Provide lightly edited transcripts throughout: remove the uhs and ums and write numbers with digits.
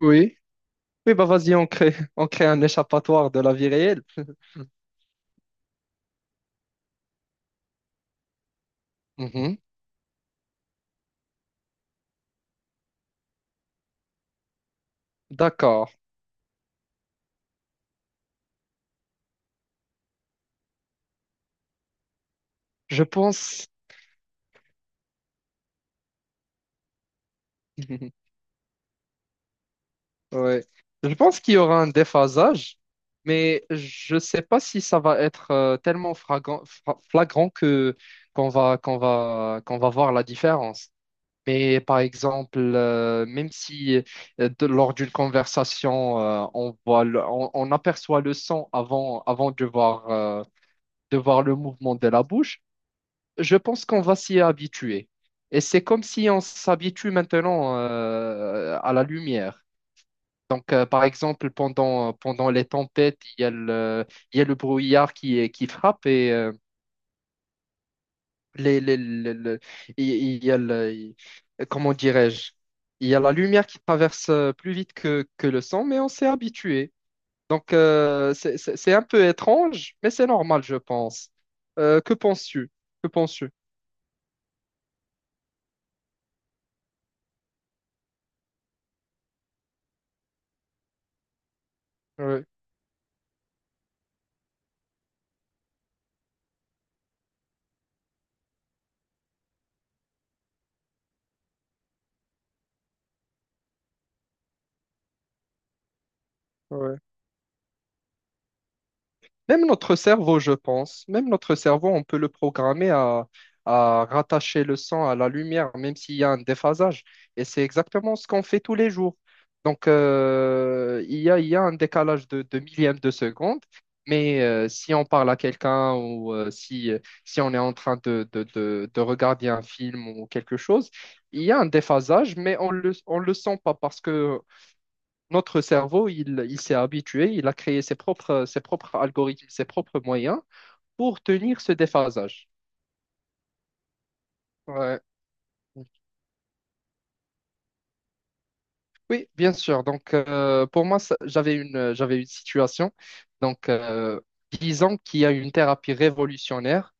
Oui, oui, bah vas-y, on crée, on crée un échappatoire de la vie réelle. Mhm. D'accord. Je pense, ouais. Je pense qu'il y aura un déphasage, mais je ne sais pas si ça va être tellement flagrant que qu'on va voir la différence. Mais par exemple, même si lors d'une conversation, on on aperçoit le son avant de voir le mouvement de la bouche. Je pense qu'on va s'y habituer. Et c'est comme si on s'habitue maintenant à la lumière. Donc, par exemple, pendant les tempêtes, il y a le brouillard qui frappe et les, les- les- le- il y a Comment dirais-je? Il y a la lumière qui traverse plus vite que le sang, mais on s'est habitué. Donc, c'est un peu étrange, mais c'est normal, je pense. Que penses-tu? Que penses-tu? Ouais, ouais. Même notre cerveau, je pense, même notre cerveau, on peut le à rattacher le sang à la lumière, même s'il y a un déphasage. Et c'est exactement ce qu'on fait tous les jours. Donc, il y a un décalage de millième de seconde, mais si on parle à quelqu'un ou si on est en train de regarder un film ou quelque chose, il y a un déphasage, mais on le sent pas parce que notre cerveau, il s'est habitué, il a créé ses propres algorithmes, ses propres moyens pour tenir ce déphasage. Ouais. Oui, bien sûr. Donc, pour moi, j'avais une situation. Donc, disons qu'il y a une thérapie révolutionnaire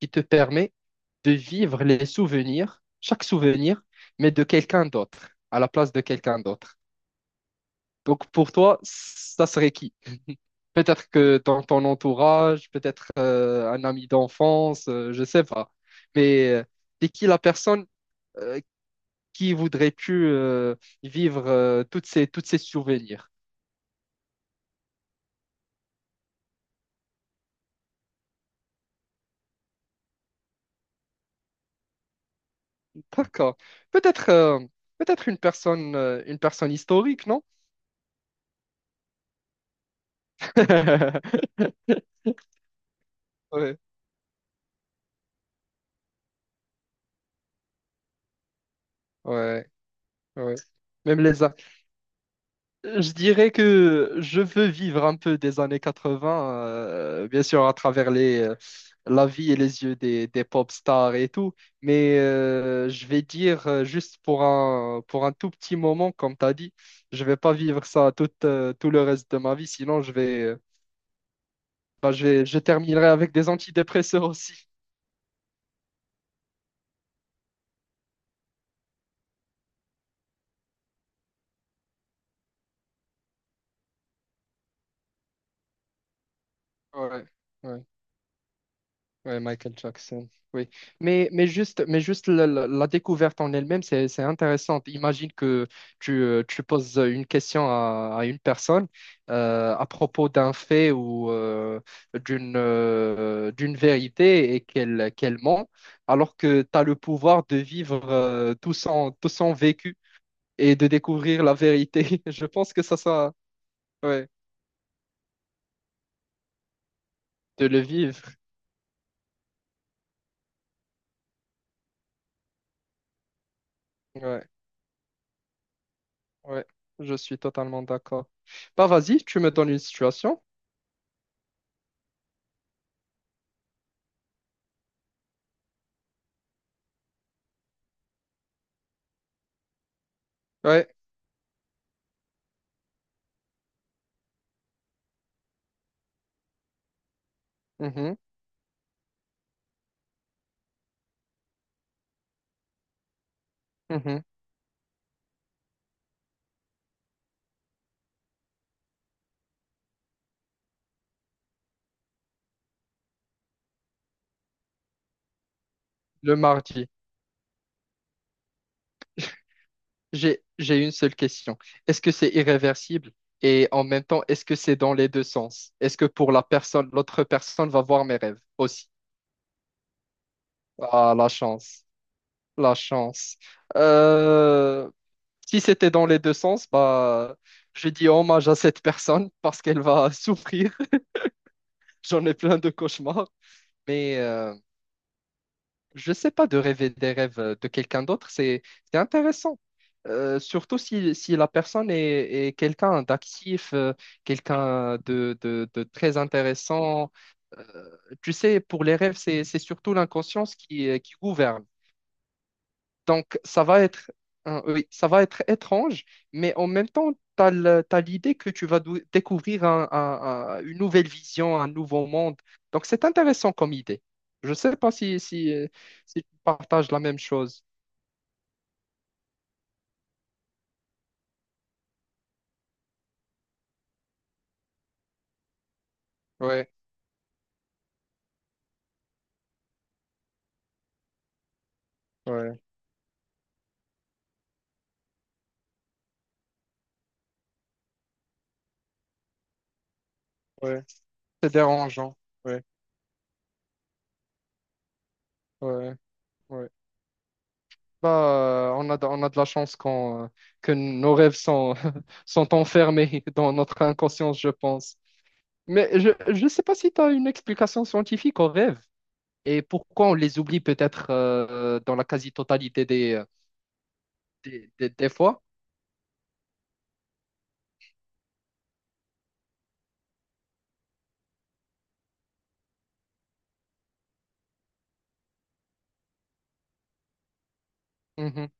qui te permet de vivre les souvenirs, chaque souvenir, mais de quelqu'un d'autre, à la place de quelqu'un d'autre. Donc, pour toi, ça serait qui? Peut-être que dans ton entourage, peut-être un ami d'enfance, je sais pas. Mais t'es qui la personne euh, qui voudrais-tu vivre toutes ces toutes ces souvenirs? D'accord. Peut-être peut-être une personne historique, non? Ouais, ouais, ouais. Même les... Je dirais que je veux vivre un peu des années 80, bien sûr, à travers la vie et les yeux des pop stars et tout, mais je vais dire juste pour pour un tout petit moment, comme tu as dit, je vais pas vivre ça tout le reste de ma vie, sinon je vais, je terminerai avec des antidépresseurs aussi. Ouais, ouais. Ouais, Michael Jackson, oui. Mais juste la découverte en elle-même, c'est intéressante. Imagine que tu poses une question à une personne à propos d'un fait ou d'une vérité et qu'elle ment, alors que tu as le pouvoir de vivre tout son vécu et de découvrir la vérité. Je pense que ouais, de le vivre. Ouais, ouais, je suis totalement d'accord. Bah, vas-y, tu me donnes une situation. Ouais. Mhm, mhm. Le mardi. J'ai une seule question. Est-ce que c'est irréversible? Et en même temps, est-ce que c'est dans les deux sens? Est-ce que pour la personne, l'autre personne va voir mes rêves aussi? Ah, la chance. La chance. Euh, Si c'était dans les deux sens, bah, je dis hommage à cette personne parce qu'elle va souffrir. J'en ai plein de cauchemars. Mais je sais pas, de rêver des rêves de quelqu'un d'autre, c'est intéressant. Surtout si, si la personne est quelqu'un d'actif, quelqu'un de très intéressant. Euh, Tu sais, pour les rêves, c'est surtout l'inconscience qui gouverne. Donc, hein, oui, ça va être étrange, mais en même temps, tu as l'idée que tu vas découvrir une nouvelle vision, un nouveau monde. Donc, c'est intéressant comme idée. Je ne sais pas si tu partages la même chose. Ouais, ouais, ouais. C'est dérangeant. Ouais, ouais, ouais. Bah, on a de la chance qu'on, que nos rêves sont, sont enfermés dans notre inconscience, je pense. Mais je ne sais pas si tu as une explication scientifique aux rêves. Et pourquoi on les oublie peut-être dans la quasi-totalité des fois? Mhm.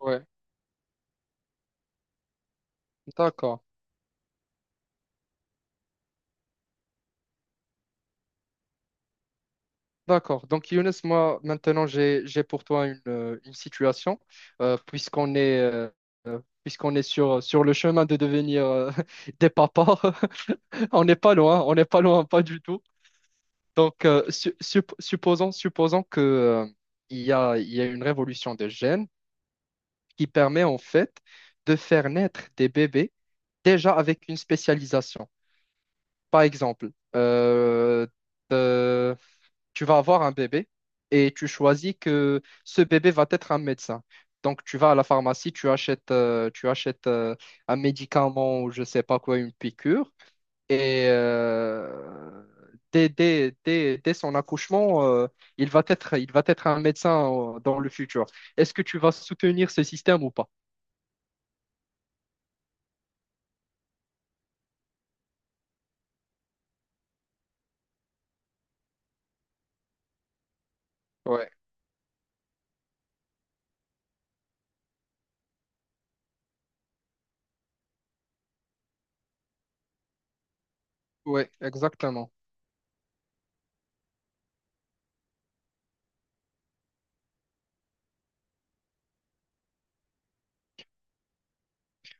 Ouais, d'accord. D'accord. Donc, Younes, moi, maintenant, j'ai pour toi une situation, euh, puisqu'on est, euh, puisqu'on est sur le chemin de devenir des papas. On n'est pas loin, pas du tout. Donc, supposons que, il y a une révolution de gènes qui permet en fait de faire naître des bébés déjà avec une spécialisation. Par exemple, euh, euh, tu vas avoir un bébé et tu choisis que ce bébé va être un médecin. Donc, tu vas à la pharmacie, tu achètes un médicament ou je sais pas quoi, une piqûre. Et dès son accouchement, il va être un médecin dans le futur. Est-ce que tu vas soutenir ce système ou pas? Ouais. Oui, exactement.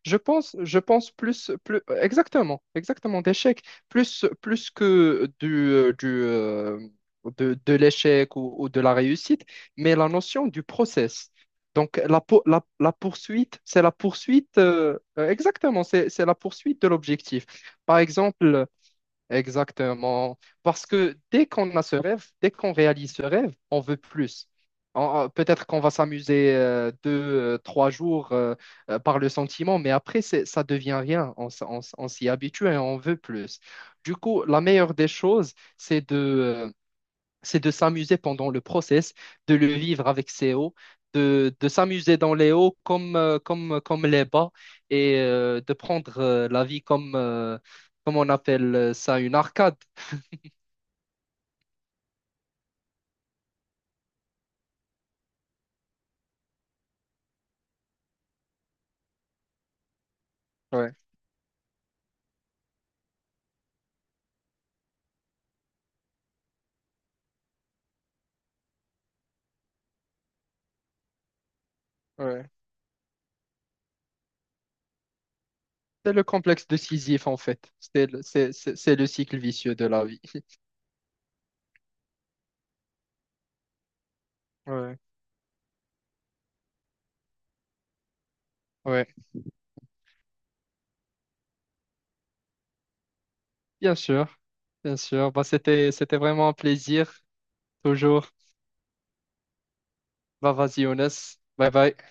Je pense, exactement, d'échec, plus que de l'échec ou de la réussite, mais la notion du process. Donc, la poursuite, c'est la poursuite, exactement, c'est la poursuite de l'objectif. Par exemple, exactement. Parce que dès qu'on a ce rêve, dès qu'on réalise ce rêve, on veut plus. Peut-être qu'on va s'amuser trois jours par le sentiment, mais après, ça devient rien. On s'y habitue et on veut plus. Du coup, la meilleure des choses, c'est de s'amuser pendant le process, de le vivre avec ses hauts, de s'amuser dans les hauts comme les bas et de prendre la vie comme on appelle ça, une arcade. Ouais, ouais. C'est le complexe de Sisyphe en fait. C'est le cycle vicieux de la vie. Ouais, ouais. Bien sûr, bien sûr. Bah, c'était vraiment un plaisir, toujours. Bah, vas-y, Younes. Bye bye.